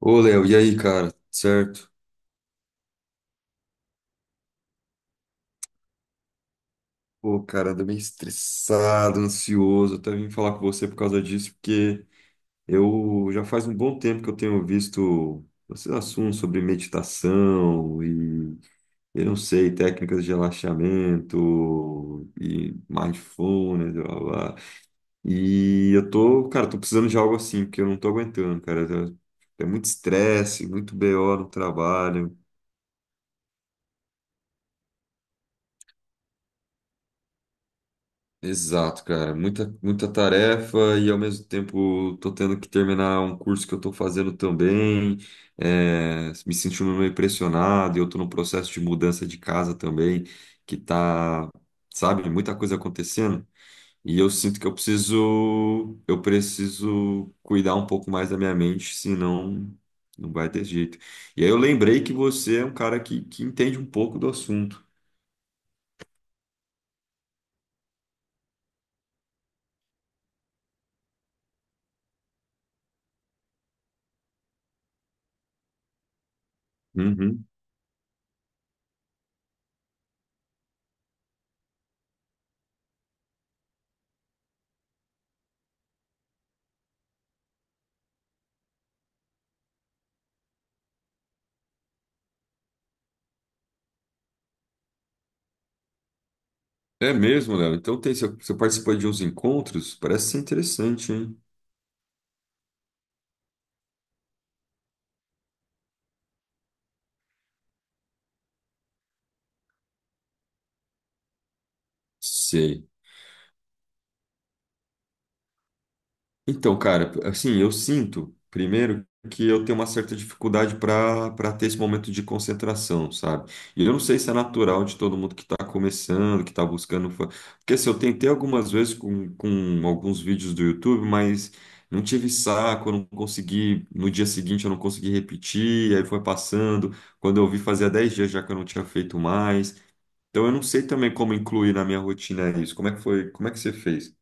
Ô, Léo, e aí, cara? Certo? Pô, cara, ando meio estressado, ansioso. Até vim falar com você por causa disso, porque eu já faz um bom tempo que eu tenho visto esses assuntos sobre meditação e, eu não sei, técnicas de relaxamento e mindfulness, blá, blá, blá. E eu tô, cara, tô precisando de algo assim, porque eu não tô aguentando, cara. É muito estresse, muito BO no trabalho. Exato, cara. Muita, muita tarefa e ao mesmo tempo tô tendo que terminar um curso que eu tô fazendo também. É, me sentindo meio pressionado e eu tô no processo de mudança de casa também, que tá, sabe, muita coisa acontecendo. E eu sinto que eu preciso cuidar um pouco mais da minha mente, senão não vai ter jeito. E aí eu lembrei que você é um cara que entende um pouco do assunto. Uhum. É mesmo, Léo. Então tem, você participou de uns encontros? Parece ser interessante, hein? Sei. Então, cara, assim, eu sinto, primeiro, que eu tenho uma certa dificuldade para ter esse momento de concentração, sabe? E eu não sei se é natural de todo mundo que está começando, que está buscando. Porque assim, eu tentei algumas vezes com alguns vídeos do YouTube, mas não tive saco, eu não consegui. No dia seguinte eu não consegui repetir, aí foi passando. Quando eu vi, fazia 10 dias já que eu não tinha feito mais. Então eu não sei também como incluir na minha rotina isso. Como é que foi? Como é que você fez?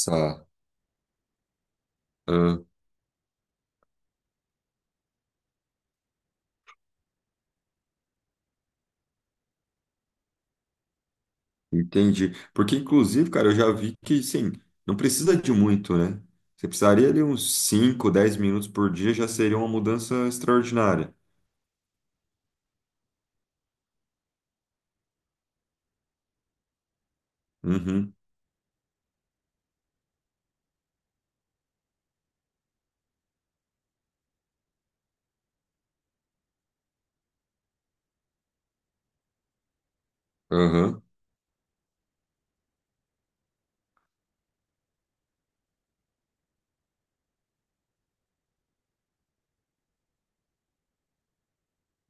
Sá. Ah, entendi. Porque inclusive, cara, eu já vi que sim, não precisa de muito, né? Você precisaria de uns 5, 10 minutos por dia já seria uma mudança extraordinária. Uhum. Aham.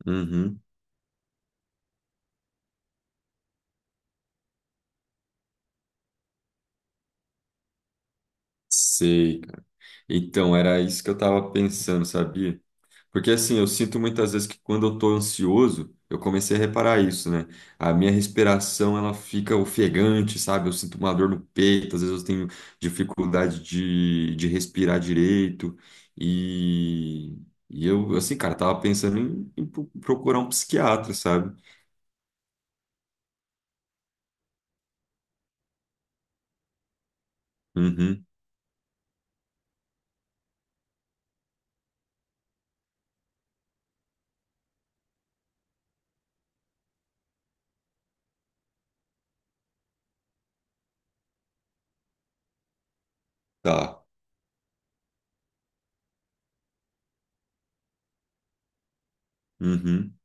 Uhum. Sei, cara. Então era isso que eu tava pensando, sabia? Porque assim, eu sinto muitas vezes que quando eu tô ansioso, eu comecei a reparar isso, né? A minha respiração, ela fica ofegante, sabe? Eu sinto uma dor no peito, às vezes eu tenho dificuldade de respirar direito. E, e eu, assim, cara, tava pensando em procurar um psiquiatra, sabe? Uhum, tá. Uhum,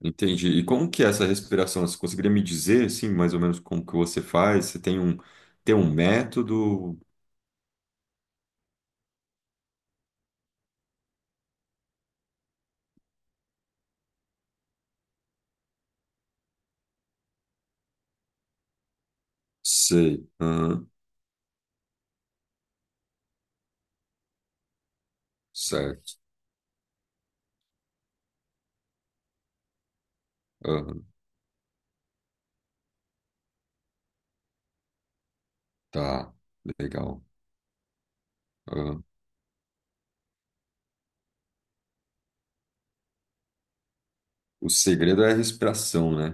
entendi. E como que é essa respiração? Você conseguiria me dizer, assim, mais ou menos como que você faz? Você tem um método? Sei. Aham. Certo. Aham, tá, legal. Aham. O segredo é a respiração, né?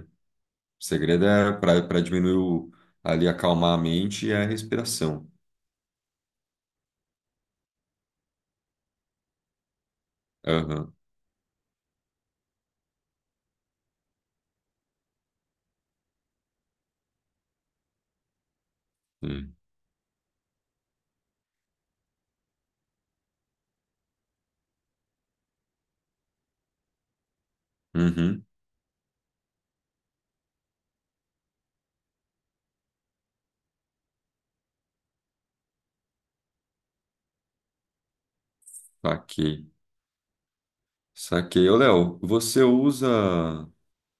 O segredo é para diminuir o, ali, acalmar a mente é a respiração. Aham. Sim. Uhum. Saquei. Saquei. Ô, Léo, você usa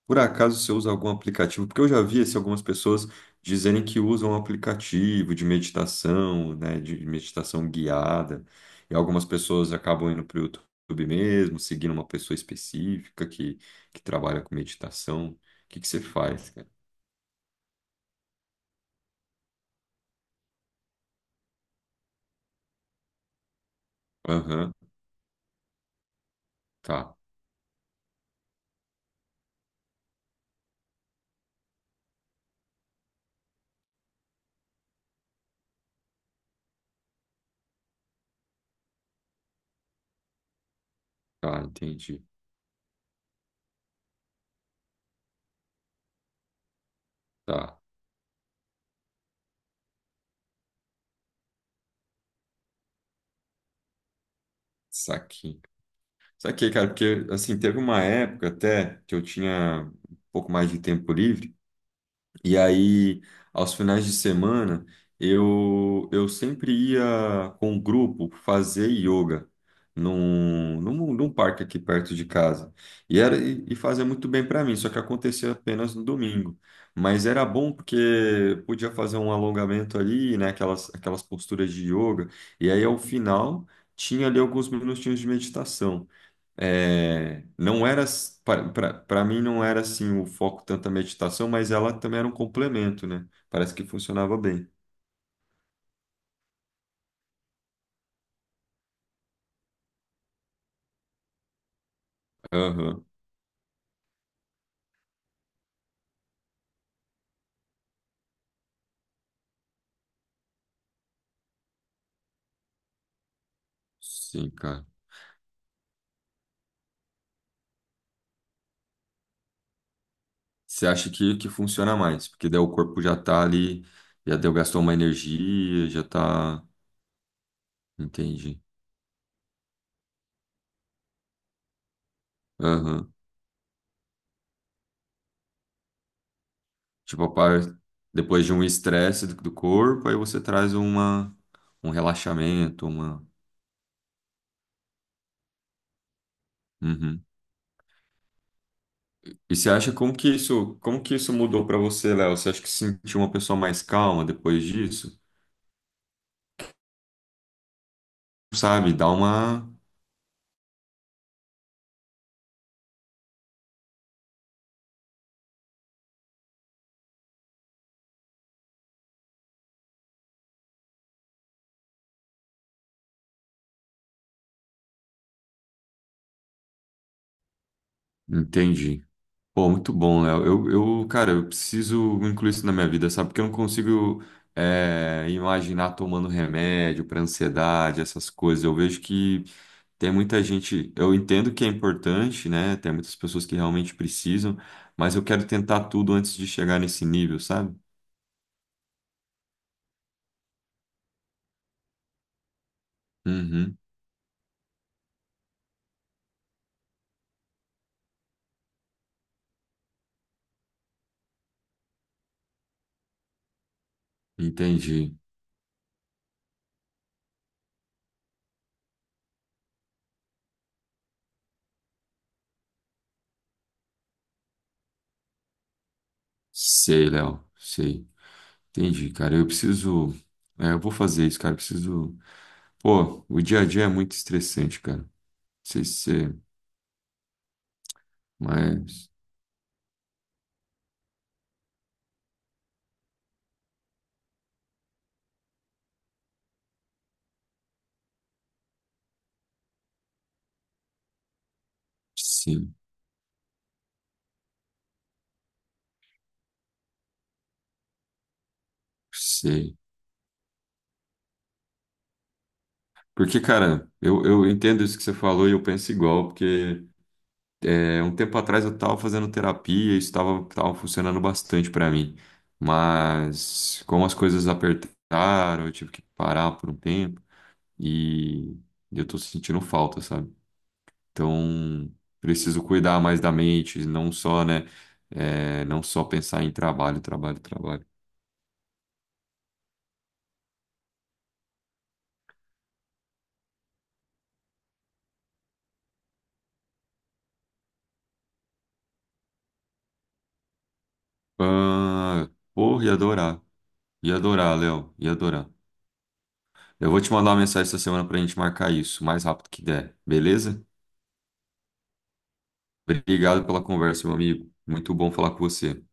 por acaso você usa algum aplicativo? Porque eu já vi assim, algumas pessoas dizerem que usam um aplicativo de meditação, né, de meditação guiada, e algumas pessoas acabam indo para o YouTube mesmo, seguindo uma pessoa específica que trabalha com meditação. O que que você faz, cara? Aham, tá, tá, entendi. Tá, saquei. Saquei, cara, porque assim, teve uma época até que eu tinha um pouco mais de tempo livre. E aí, aos finais de semana, eu sempre ia com um grupo fazer yoga num parque aqui perto de casa. E fazia muito bem para mim, só que acontecia apenas no domingo. Mas era bom porque podia fazer um alongamento ali, né, aquelas posturas de yoga. E aí, ao final, tinha ali alguns minutinhos de meditação. É, para mim não era assim o foco tanto a meditação, mas ela também era um complemento, né? Parece que funcionava bem. Aham. Sim, cara. Você acha que funciona mais? Porque daí o corpo já tá ali, já deu, gastou uma energia, já tá. Entendi. Aham. Tipo, depois de um estresse do corpo, aí você traz uma, um relaxamento, uma. Uhum. E você acha como que isso mudou pra você, Léo? Você acha que se sentiu uma pessoa mais calma depois disso? Sabe, dá uma. Entendi. Pô, muito bom, Léo. Cara, eu preciso incluir isso na minha vida, sabe? Porque eu não consigo, é, imaginar tomando remédio pra ansiedade, essas coisas. Eu vejo que tem muita gente. Eu entendo que é importante, né? Tem muitas pessoas que realmente precisam, mas eu quero tentar tudo antes de chegar nesse nível, sabe? Uhum, entendi. Sei, Léo, sei. Entendi, cara. Eu preciso. É, eu vou fazer isso, cara. Eu preciso. Pô, o dia a dia é muito estressante, cara. Não sei se. Você. Mas. Sim, sei. Porque, cara, eu entendo isso que você falou e eu penso igual, porque é, um tempo atrás eu tava fazendo terapia e isso tava, tava funcionando bastante pra mim. Mas como as coisas apertaram, eu tive que parar por um tempo e eu tô sentindo falta, sabe? Então, preciso cuidar mais da mente, não só, né? É, não só pensar em trabalho, trabalho, trabalho. Ah, pô, ia adorar. Ia adorar, Léo. Ia adorar. Eu vou te mandar uma mensagem essa semana pra gente marcar isso, o mais rápido que der, beleza? Obrigado pela conversa, meu amigo. Muito bom falar com você.